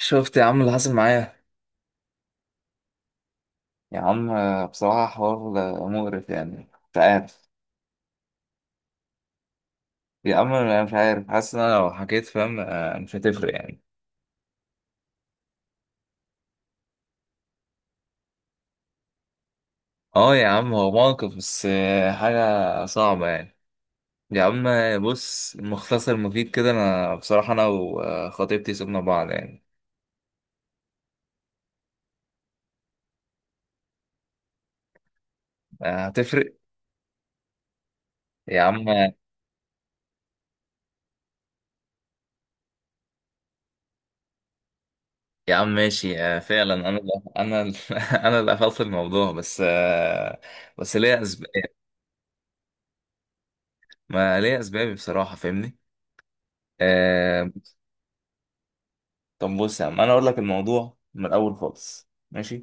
شفت يا عم اللي حصل معايا. يا عم بصراحة حوار مقرف يعني. مش عارف. يا عم انا مش عارف، حاسس ان انا لو حكيت فاهم مش هتفرق يعني. اه يا عم هو موقف بس حاجة صعبة يعني. يا عم بص، مختصر مفيد كده، انا بصراحة انا وخطيبتي سيبنا بعض يعني. هتفرق يا عم. يا عم ماشي، فعلا انا اللي قفلت الموضوع بس بس ليا اسباب. ما ليا اسبابي بصراحة، فاهمني؟ آه، طب بص يا عم انا اقول لك الموضوع من الاول خالص، ماشي؟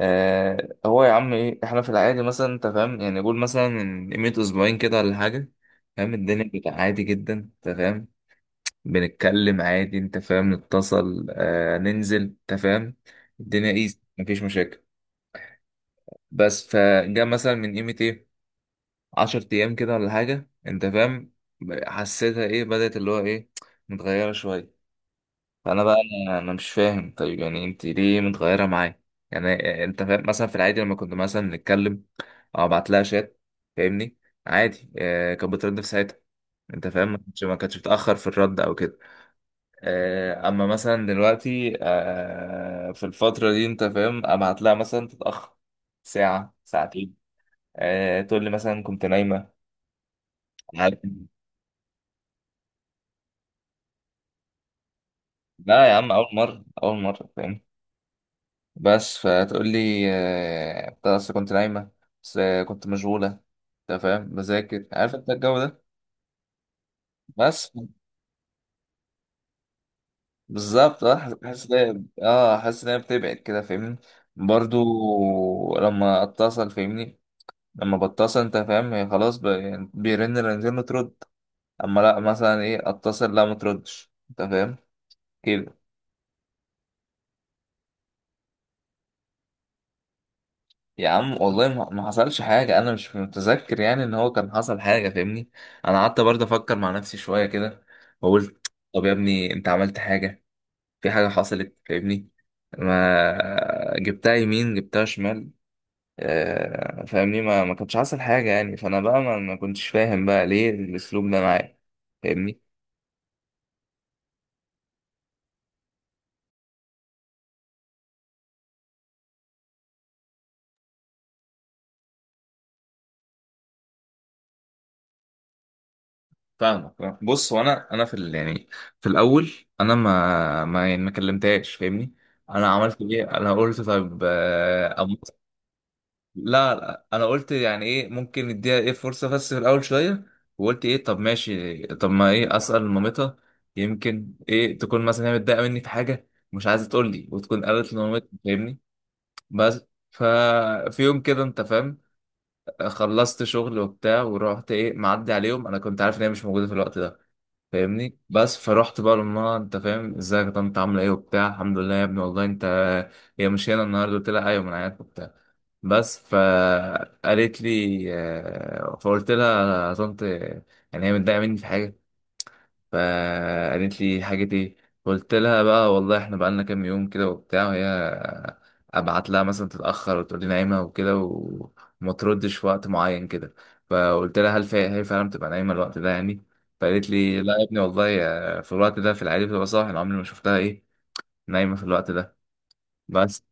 آه، هو يا عم ايه، احنا في العادي مثلا انت فاهم يعني، قول مثلا من قيمه اسبوعين كده ولا حاجه، فاهم؟ الدنيا كانت عادي جدا، انت فاهم؟ بنتكلم عادي، انت فاهم، نتصل، آه ننزل، انت فاهم، الدنيا ايزي، مفيش مشاكل. بس فجاء مثلا من قيمه ايه، 10 ايام كده ولا حاجه، انت فاهم، حسيتها ايه بدأت، اللي هو ايه، متغيره شويه. فانا بقى انا مش فاهم، طيب يعني انت ليه متغيره معايا؟ يعني انت فاهم، مثلا في العادي لما كنت مثلا نتكلم او ابعت لها شات، فاهمني، عادي آه كانت بترد في ساعتها، انت فاهم، ما كانتش بتاخر في الرد او كده. آه اما مثلا دلوقتي آه في الفتره دي، انت فاهم، ابعت لها مثلا تتاخر ساعه ساعتين، آه تقول لي مثلا كنت نايمه عادي. لا يا عم، اول مره فاهم. بس فتقول لي أنت أصل كنت نايمة، بس كنت مشغولة، أنت فاهم، بذاكر، عارف أنت الجو ده. بس بالظبط، أه حاسس، حاسس إن هي- أه حاسس إن هي بتبعد كده، فاهمني، برضو لما أتصل، فاهمني، لما بتصل أنت فاهم هي خلاص بيرن رنتين وترد، أما لأ مثلا إيه، أتصل لأ متردش، أنت فاهم كده. يا عم والله ما حصلش حاجة، أنا مش متذكر يعني إن هو كان حصل حاجة، فاهمني، أنا قعدت برضه أفكر مع نفسي شوية كده وقلت طب يا ابني أنت عملت حاجة، في حاجة حصلت، فاهمني، ما جبتها يمين جبتها شمال. فاهمني، ما كانش حصل حاجة يعني. فأنا بقى ما كنتش فاهم بقى ليه الأسلوب ده معايا، فاهمني؟ فاهمك. بص، وانا في ال يعني في الاول انا ما يعني ما كلمتهاش، فاهمني، انا عملت ايه، انا قلت طيب، لا انا قلت يعني ايه ممكن نديها ايه فرصه بس في الاول شويه. وقلت ايه طب ماشي، طب ما ايه، اسال مامتها، يمكن ايه تكون مثلا هي متضايقه مني في حاجه، مش عايزه تقول لي، وتكون قالت لمامتها، فاهمني. بس ففي يوم كده، انت فاهم، خلصت شغل وبتاع ورحت ايه معدي عليهم، انا كنت عارف ان هي مش موجوده في الوقت ده، فاهمني. بس فرحت بقى لامها، انت فاهم، ازيك يا طنط، عامله ايه وبتاع، الحمد لله يا ابني والله انت، هي مش هنا النهارده، قلت لها ايوه من عيادتك وبتاع. بس فقالت لي فقلت لها يا طنط، يعني هي متضايقه مني في حاجه؟ فقالت لي حاجة ايه؟ قلت لها بقى والله احنا بقالنا كام يوم كده وبتاع، وهي ابعت لها مثلا تتأخر وتقول لي نايمة وكده وما تردش في وقت معين كده. فقلت لها هل هي فعلا بتبقى نايمة الوقت ده يعني؟ فقالت لي لا يا ابني والله في الوقت ده في العادي بتبقى صاحي، انا عمري ما شفتها ايه نايمة في الوقت ده. بس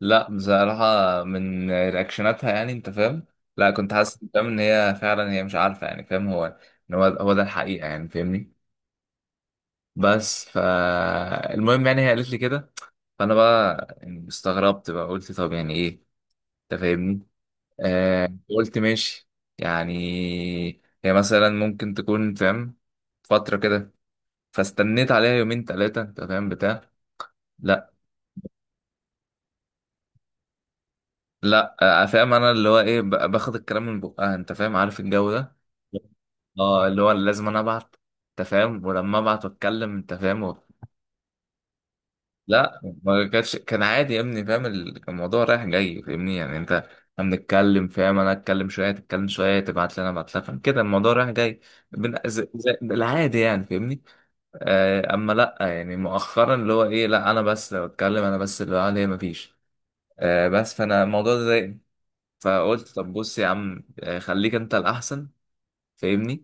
لا بصراحة من رياكشناتها يعني، انت فاهم، لا كنت حاسس فاهم ان هي فعلا هي مش عارفة يعني، فاهم هو ان هو ده الحقيقة يعني، فاهمني. بس فالمهم يعني هي قالت لي كده، فانا بقى يعني استغربت بقى، قلت طب يعني ايه، انت فاهمني؟ آه قلت ماشي، يعني هي مثلا ممكن تكون فاهم فترة كده. فاستنيت عليها يومين تلاتة، انت فاهم بتاع. لا. لا آه فاهم انا اللي هو ايه باخد الكلام من بقها، انت فاهم، عارف الجو ده، اه اللي هو لازم انا ابعت، انت فاهم، ولما ابعت واتكلم، انت فاهم. لا ما كانتش، كان عادي يا ابني، فاهم كان الموضوع رايح جاي، فاهمني، يعني انت احنا بنتكلم، فاهم، انا اتكلم شويه تتكلم شويه، تبعت لي انا ابعت لها، فاهم كده، الموضوع رايح جاي، العادي يعني، فاهمني. آه اما لا يعني مؤخرا اللي هو ايه، لا انا بس لو اتكلم، انا بس اللي قاعد، هي مفيش. آه بس فانا الموضوع ده ضايقني، فقلت طب بص يا عم خليك انت الاحسن، فاهمني.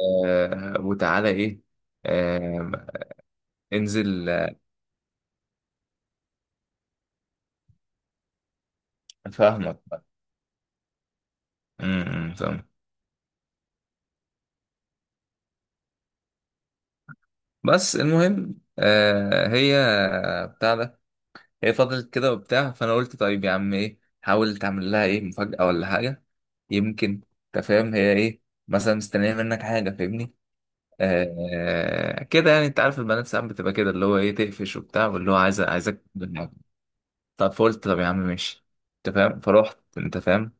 آه وتعالى ايه، آه انزل فاهمك. م- م، فاهم. بس المهم آه هي بتاع ده، هي فضلت كده وبتاع، فانا قلت طيب يا عم ايه، حاول تعمل لها ايه مفاجأة ولا حاجة، يمكن انت فاهم هي ايه مثلا مستنية منك حاجة، فاهمني. آه كده يعني، انت عارف البنات ساعات بتبقى كده اللي هو ايه تقفش وبتاع، واللي هو عايزة عايزك تعمل حاجة. طب فقلت طب يا عم ماشي، انت فاهم، فروحت، انت فاهم،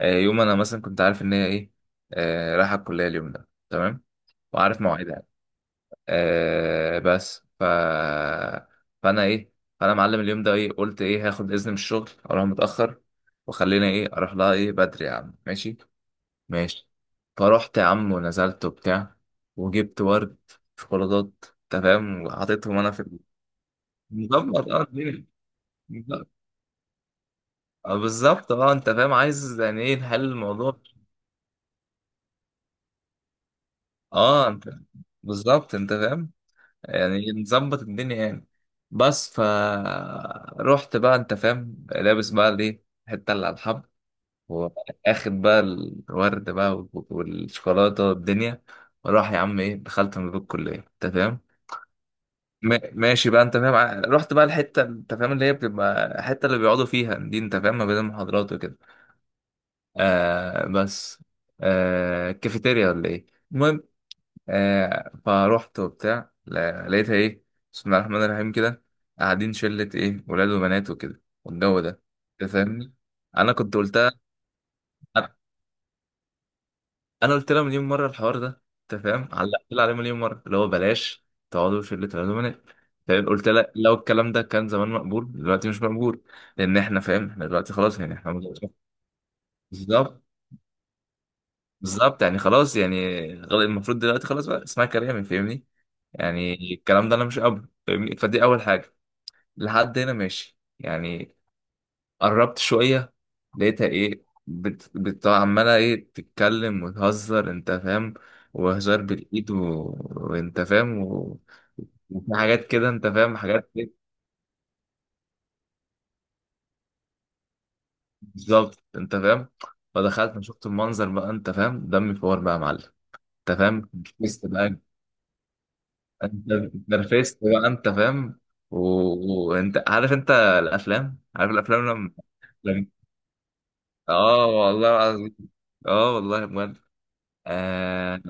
آه يوم انا مثلا كنت عارف ان هي ايه آه رايحة الكلية اليوم ده، تمام، وعارف مواعيدها، آه بس ف، فانا ايه، فانا معلم اليوم ده ايه، قلت ايه هاخد اذن من الشغل اروح متاخر، وخلينا ايه اروح لها ايه بدري، يا عم ماشي. ماشي، فروحت يا عم ونزلت وبتاع، وجبت ورد، شوكولاتات، انت فاهم، وحطيتهم انا في المظبط، اه الدنيا مظبط. بالظبط، اه انت فاهم، عايز يعني ايه نحل الموضوع. اه انت بالظبط، انت فاهم، يعني نظبط الدنيا يعني. بس ف رحت بقى، انت فاهم، لابس بقى الايه، حته اللي على الحب، واخد بقى الورد بقى والشوكولاته والدنيا، وراح يا عم ايه دخلت من باب الكليه، انت فاهم. ماشي بقى، انت فاهم، رحت بقى الحته، انت فاهم اللي هي بتبقى الحته اللي بيقعدوا فيها دي، انت فاهم، ما بين المحاضرات وكده. آه بس آه كافيتيريا ولا ايه. آه فروحت وبتاع، لقيتها ايه، بسم الله الرحمن الرحيم كده، قاعدين شلة ايه ولاد وبنات وكده والجو ده، انت فاهمني. انا كنت قلتها، انا قلت لها مليون مرة الحوار ده، انت فاهم، علقت لها عليه مليون مرة، اللي هو بلاش تقعدوا في شلة ولاد وبنات، فاهم، قلت لها لو الكلام ده كان زمان مقبول دلوقتي مش مقبول، لان احنا فاهم احنا دلوقتي خلاص يعني احنا متجوزين. بالظبط بالظبط، يعني خلاص يعني المفروض دلوقتي خلاص بقى اسمها كلامي، فاهمني، يعني الكلام ده انا مش قابله، فاهمني، فدي اول حاجة، لحد هنا ماشي يعني. قربت شوية، لقيتها ايه عمالة ايه تتكلم وتهزر، انت فاهم، وهزار بالايد و... وانت فاهم و... وفي حاجات كده، انت فاهم، حاجات ايه، بالظبط انت فاهم. فدخلت انا شفت المنظر بقى، انت فاهم، دمي فور بقى يا معلم، انت فاهم، نرفزت بقى، انت نرفزت بقى، انت فاهم و... وانت عارف انت الافلام، عارف الافلام لما لما- اه والله العظيم، اه والله بجد. آه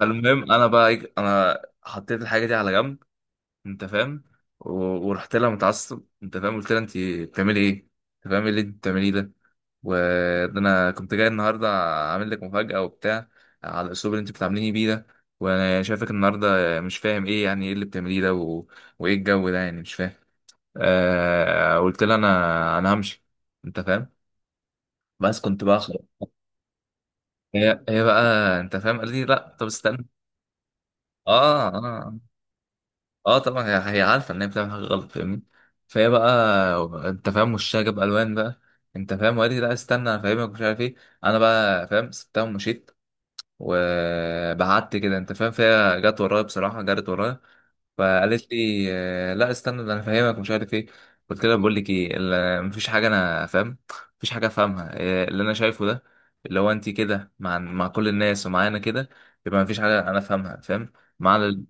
فالمهم انا بقى إيه، انا حطيت الحاجه دي على جنب، انت فاهم، و- ورحت لها متعصب، انت فاهم، قلت لها انت بتعملي ايه، انت فاهم، إيه اللي انت بتعمليه ده، وده انا كنت جاي النهارده اعمل لك مفاجاه وبتاع، على الاسلوب اللي انت بتعامليني بيه ده، وانا شايفك النهارده مش فاهم ايه، يعني ايه اللي بتعمليه ده و... وايه الجو ده، يعني مش فاهم. آه قلت لها انا همشي، انت فاهم، بس كنت بقى خلاص. هي بقى، انت فاهم، قال لي لا طب استنى. اه اه آه. اه طبعا هي عارفه ان هي بتعمل حاجه غلط، فاهمني. فهي بقى، انت فاهم، وشها جاب الوان بقى، انت فاهم، وقالت لي لا استنى انا فاهمك مش عارف ايه. انا بقى فاهم، سبتها ومشيت وبعدت كده، انت فاهم، فهي جت ورايا، بصراحه جرت ورايا، فقالت لي لا استنى، ده انا فاهمك مش عارف ايه. قلت لها بقول لك ايه مفيش حاجه انا فاهم، مفيش حاجه افهمها، اللي انا شايفه ده، اللي هو انت كده مع كل الناس ومعانا كده، يبقى مفيش حاجه انا افهمها، فاهم. مع ال...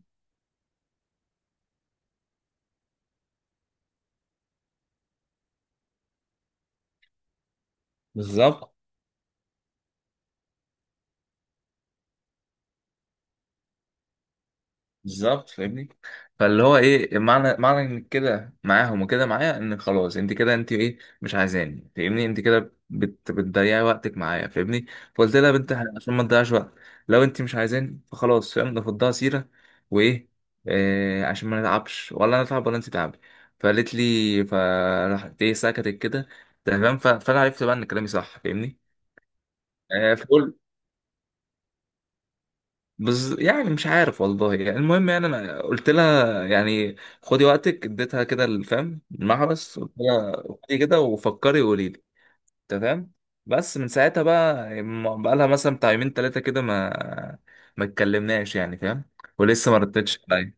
بالظبط بالظبط، فاهمني، فاللي هو ايه معنى انك كده معاهم وكده معايا، ان خلاص انت كده، انت ايه مش عايزاني، فاهمني، انت كده بتضيعي وقتك معايا، فاهمني. فقلت لها يا بنت عشان ما تضيعش وقت، لو انت مش عايزاني فخلاص، فاهم، نفضها سيره، وايه آه، عشان ما نتعبش، ولا انا اتعب ولا انت تعبي. فقالت لي، فراحت ايه سكتت كده، تمام. فانا عرفت بقى ان كلامي صح، فاهمني. آه فقلت يعني مش عارف والله، يعني المهم يعني انا قلت لها يعني خدي وقتك، اديتها كده الفهم المحبس، قلت لها خدي كده وفكري وقولي لي، تمام. بس من ساعتها بقى، بقى لها مثلا بتاع يومين ثلاثه كده ما ما اتكلمناش يعني، فاهم، ولسه ما ردتش عليا.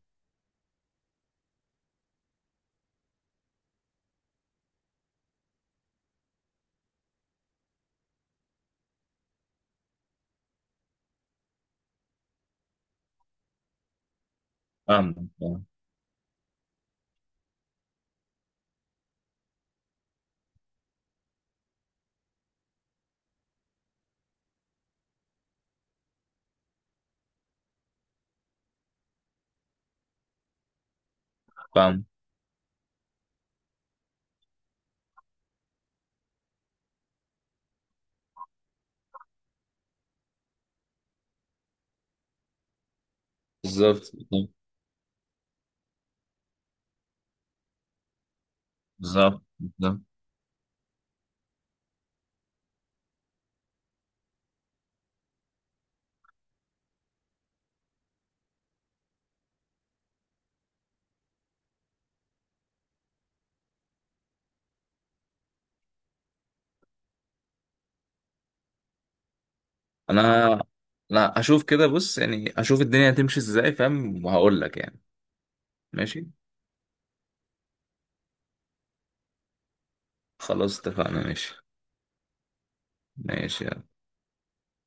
فاهم فاهم فاهم. بالظبط بالظبط بالظبط، انا لا اشوف كده، بص يعني، اشوف الدنيا هتمشي ازاي فاهم، وهقول لك يعني، ماشي، خلاص اتفقنا، ماشي، ماشي.